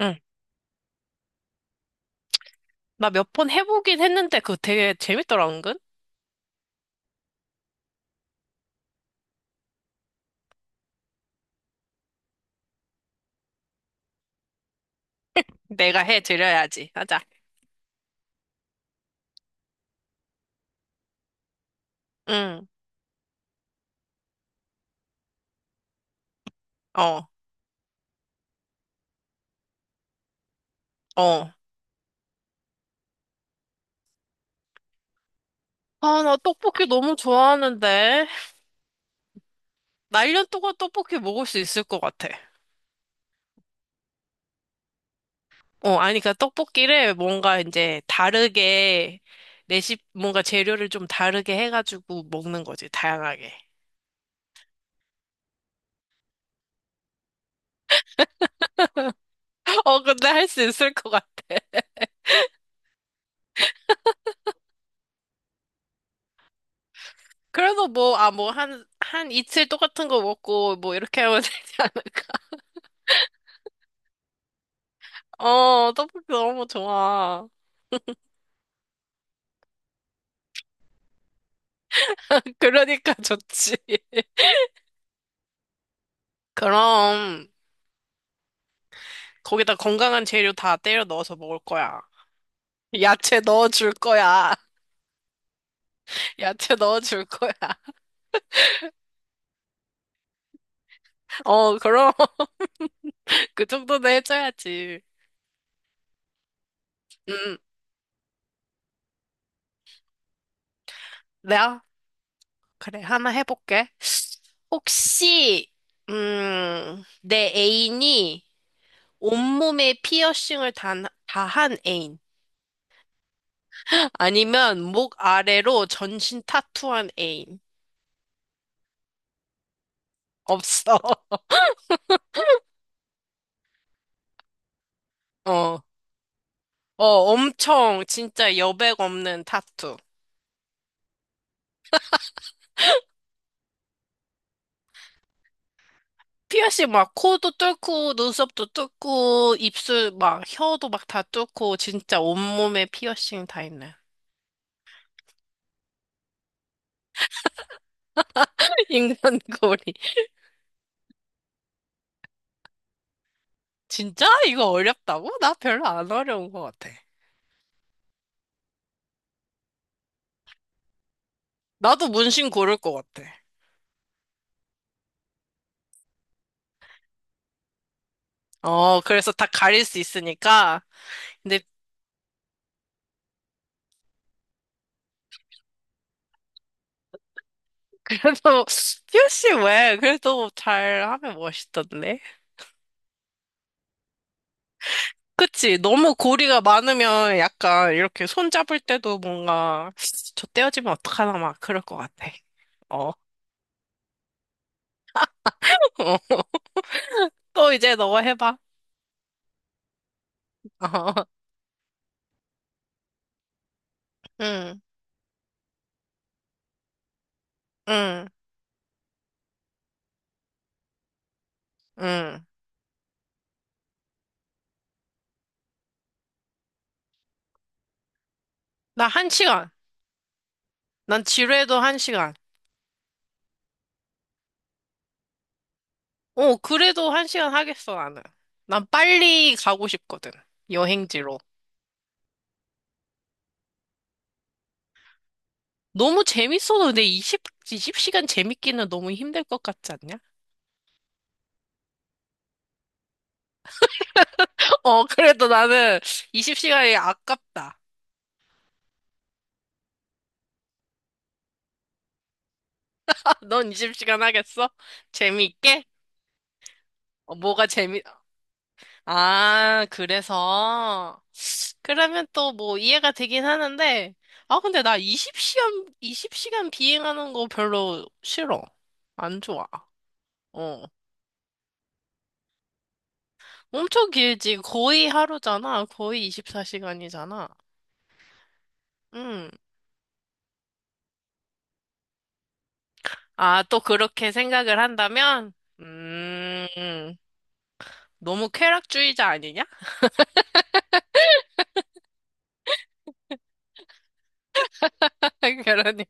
응. 나 몇 번 해보긴 했는데 그거 되게 재밌더라, 은근. 내가 해드려야지. 하자. 응. 어, 어. 아, 나 떡볶이 너무 좋아하는데. 나 1년 동안 떡볶이 먹을 수 있을 것 같아. 어, 아니, 그러니까 떡볶이를 뭔가 이제 다르게, 레시피, 뭔가 재료를 좀 다르게 해가지고 먹는 거지, 다양하게. 어, 근데 할 수 있을 것 같아. 그래서 뭐, 아, 뭐, 한 이틀 똑같은 거 먹고, 뭐, 이렇게 하면 되지 않을까? 어, 떡볶이 너무 좋아. 그러니까 좋지. 그럼 거기다 건강한 재료 다 때려 넣어서 먹을 거야. 야채 넣어줄 거야. 야채 넣어줄 거야. 어, 그럼 그 정도는 해줘야지. 음, 내가 그래 하나 해볼게. 혹시 내 애인이 온몸에 피어싱을 다한 애인 아니면 목 아래로 전신 타투한 애인 없어. 어. 어, 엄청 진짜 여백 없는 타투. 피어싱 막 코도 뚫고 눈썹도 뚫고 입술 막 혀도 막 다 뚫고 진짜 온몸에 피어싱 다 있는 인간고리. 진짜? 이거 어렵다고? 나 별로 안 어려운 것 같아. 나도 문신 고를 것 같아. 어, 그래서 다 가릴 수 있으니까. 근데 그래도 피어싱 왜? 그래도 잘 하면 멋있던데. 그치? 너무 고리가 많으면 약간 이렇게 손잡을 때도 뭔가 저 떼어지면 어떡하나 막 그럴 것 같아. 어. 또 이제 너가 해봐. 어. 응, 응, 응. 나 한 시간. 난 지루해도 한 시간. 어, 그래도 한 시간 하겠어, 나는. 난 빨리 가고 싶거든. 여행지로. 너무 재밌어도 근데 20시간 재밌기는 너무 힘들 것 같지 않냐? 어, 그래도 나는 20시간이 아깝다. 넌 20시간 하겠어? 재미있게? 어, 뭐가 재미, 아, 그래서. 그러면 또 뭐 이해가 되긴 하는데, 아, 근데 나 20시간 비행하는 거 별로 싫어. 안 좋아. 어. 엄청 길지. 거의 하루잖아. 거의 24시간이잖아. 음. 아, 또 그렇게 생각을 한다면? 음, 너무 쾌락주의자 아니냐? 그러니.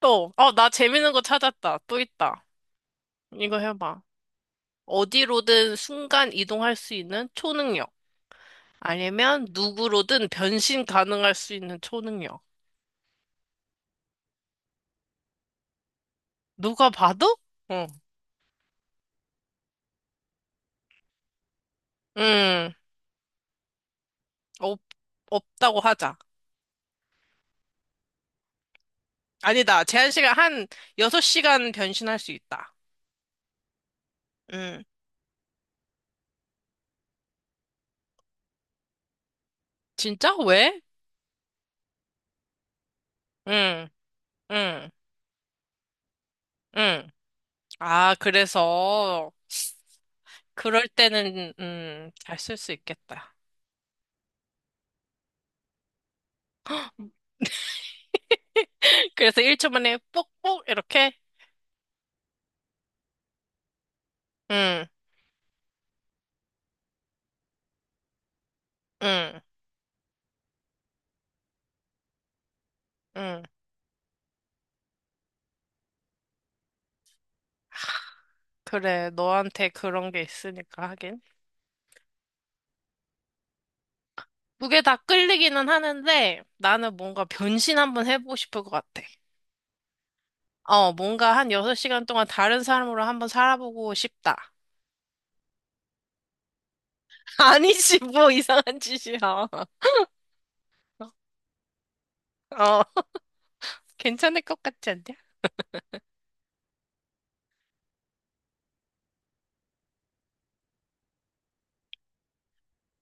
또, 어, 나 재밌는 거 찾았다. 또 있다. 이거 해봐. 어디로든 순간 이동할 수 있는 초능력. 아니면 누구로든 변신 가능할 수 있는 초능력. 누가 봐도? 어. 음, 없, 없다고 하자. 아니다. 제한시간 한 6시간 변신할 수 있다. 음. 진짜? 왜? 응 응 응. 아, 그래서, 그럴 때는, 잘 쓸 수 있겠다. 그래서 1초 만에 뽁뽁 이렇게? 응응응 그래, 너한테 그런 게 있으니까 하긴. 그게 다 끌리기는 하는데 나는 뭔가 변신 한번 해보고 싶을 것 같아. 어, 뭔가 한 6시간 동안 다른 사람으로 한번 살아보고 싶다. 아니지, 뭐 이상한 짓이야. 어, 괜찮을 것 같지 않냐?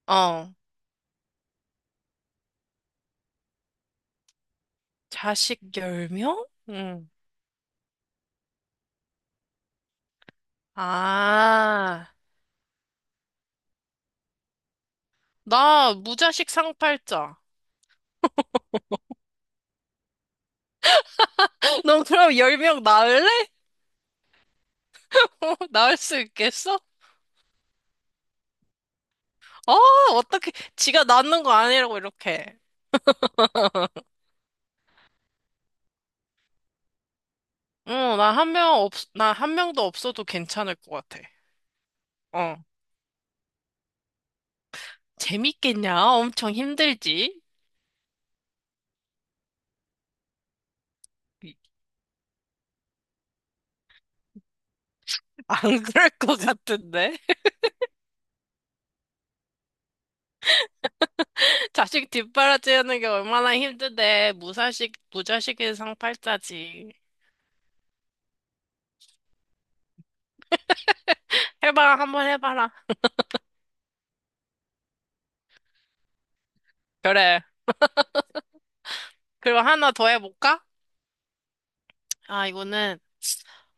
어, 자식 10명? 응. 아, 나 무자식 상팔자. 너 그럼 10명 낳을래? 어, 낳을 수 있겠어? 어, 어떻게, 지가 낳는 거 아니라고 이렇게. 어, 나 한 명도 없어도 괜찮을 것 같아. 어. 재밌겠냐? 엄청 힘들지? 안 그럴 것 같은데? 자식 뒷바라지하는 게 얼마나 힘든데. 무자식의 상팔자지. 해봐, 한번 해봐라. 그래. 그럼 하나 더 해볼까? 아, 이거는,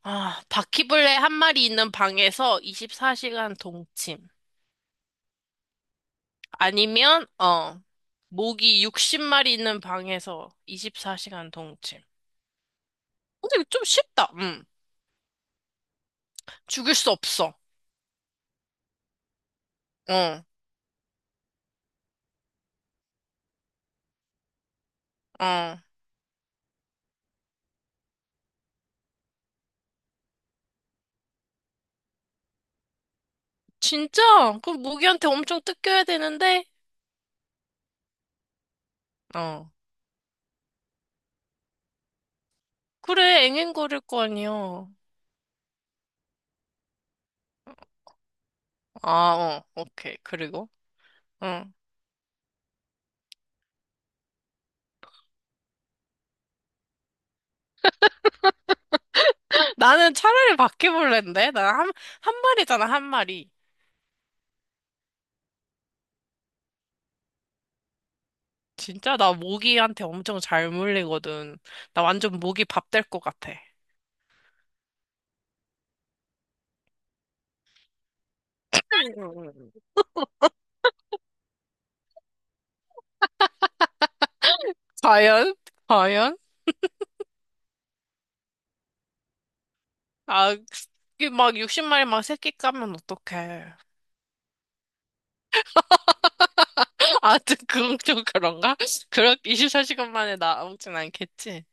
아, 바퀴벌레 한 마리 있는 방에서 24시간 동침. 아니면, 어, 모기 60마리 있는 방에서 24시간 동침. 근데 이거 좀 쉽다. 음. 죽일 수 없어. 어, 어. 진짜? 그럼 모기한테 엄청 뜯겨야 되는데? 어. 그래, 앵앵거릴 거 아니야. 아, 어. 오케이. 그리고? 응. 나는 차라리 바퀴벌레인데? 한 마리잖아, 한 마리. 진짜 나 모기한테 엄청 잘 물리거든. 나 완전 모기 밥 될 것 같아. 과연? 과연? 아, 이게 막 60마리 막 새끼 까면 어떡해. 아, 좀 그건 좀 그런가? 그렇 24시간 만에 나오진 않겠지.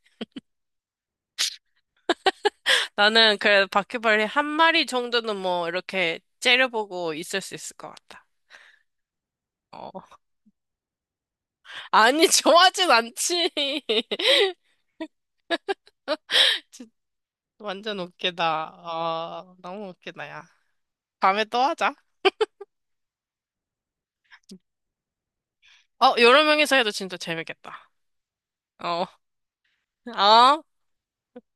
나는 그래도 바퀴벌레 한 마리 정도는 뭐 이렇게 째려보고 있을 수 있을 것 같다. 어. 아니, 좋아하진 않지. 완전 웃기다. 어, 너무 웃기다, 야. 다음에 또 하자. 어, 여러 명이서 해도 진짜 재밌겠다. 어. 어?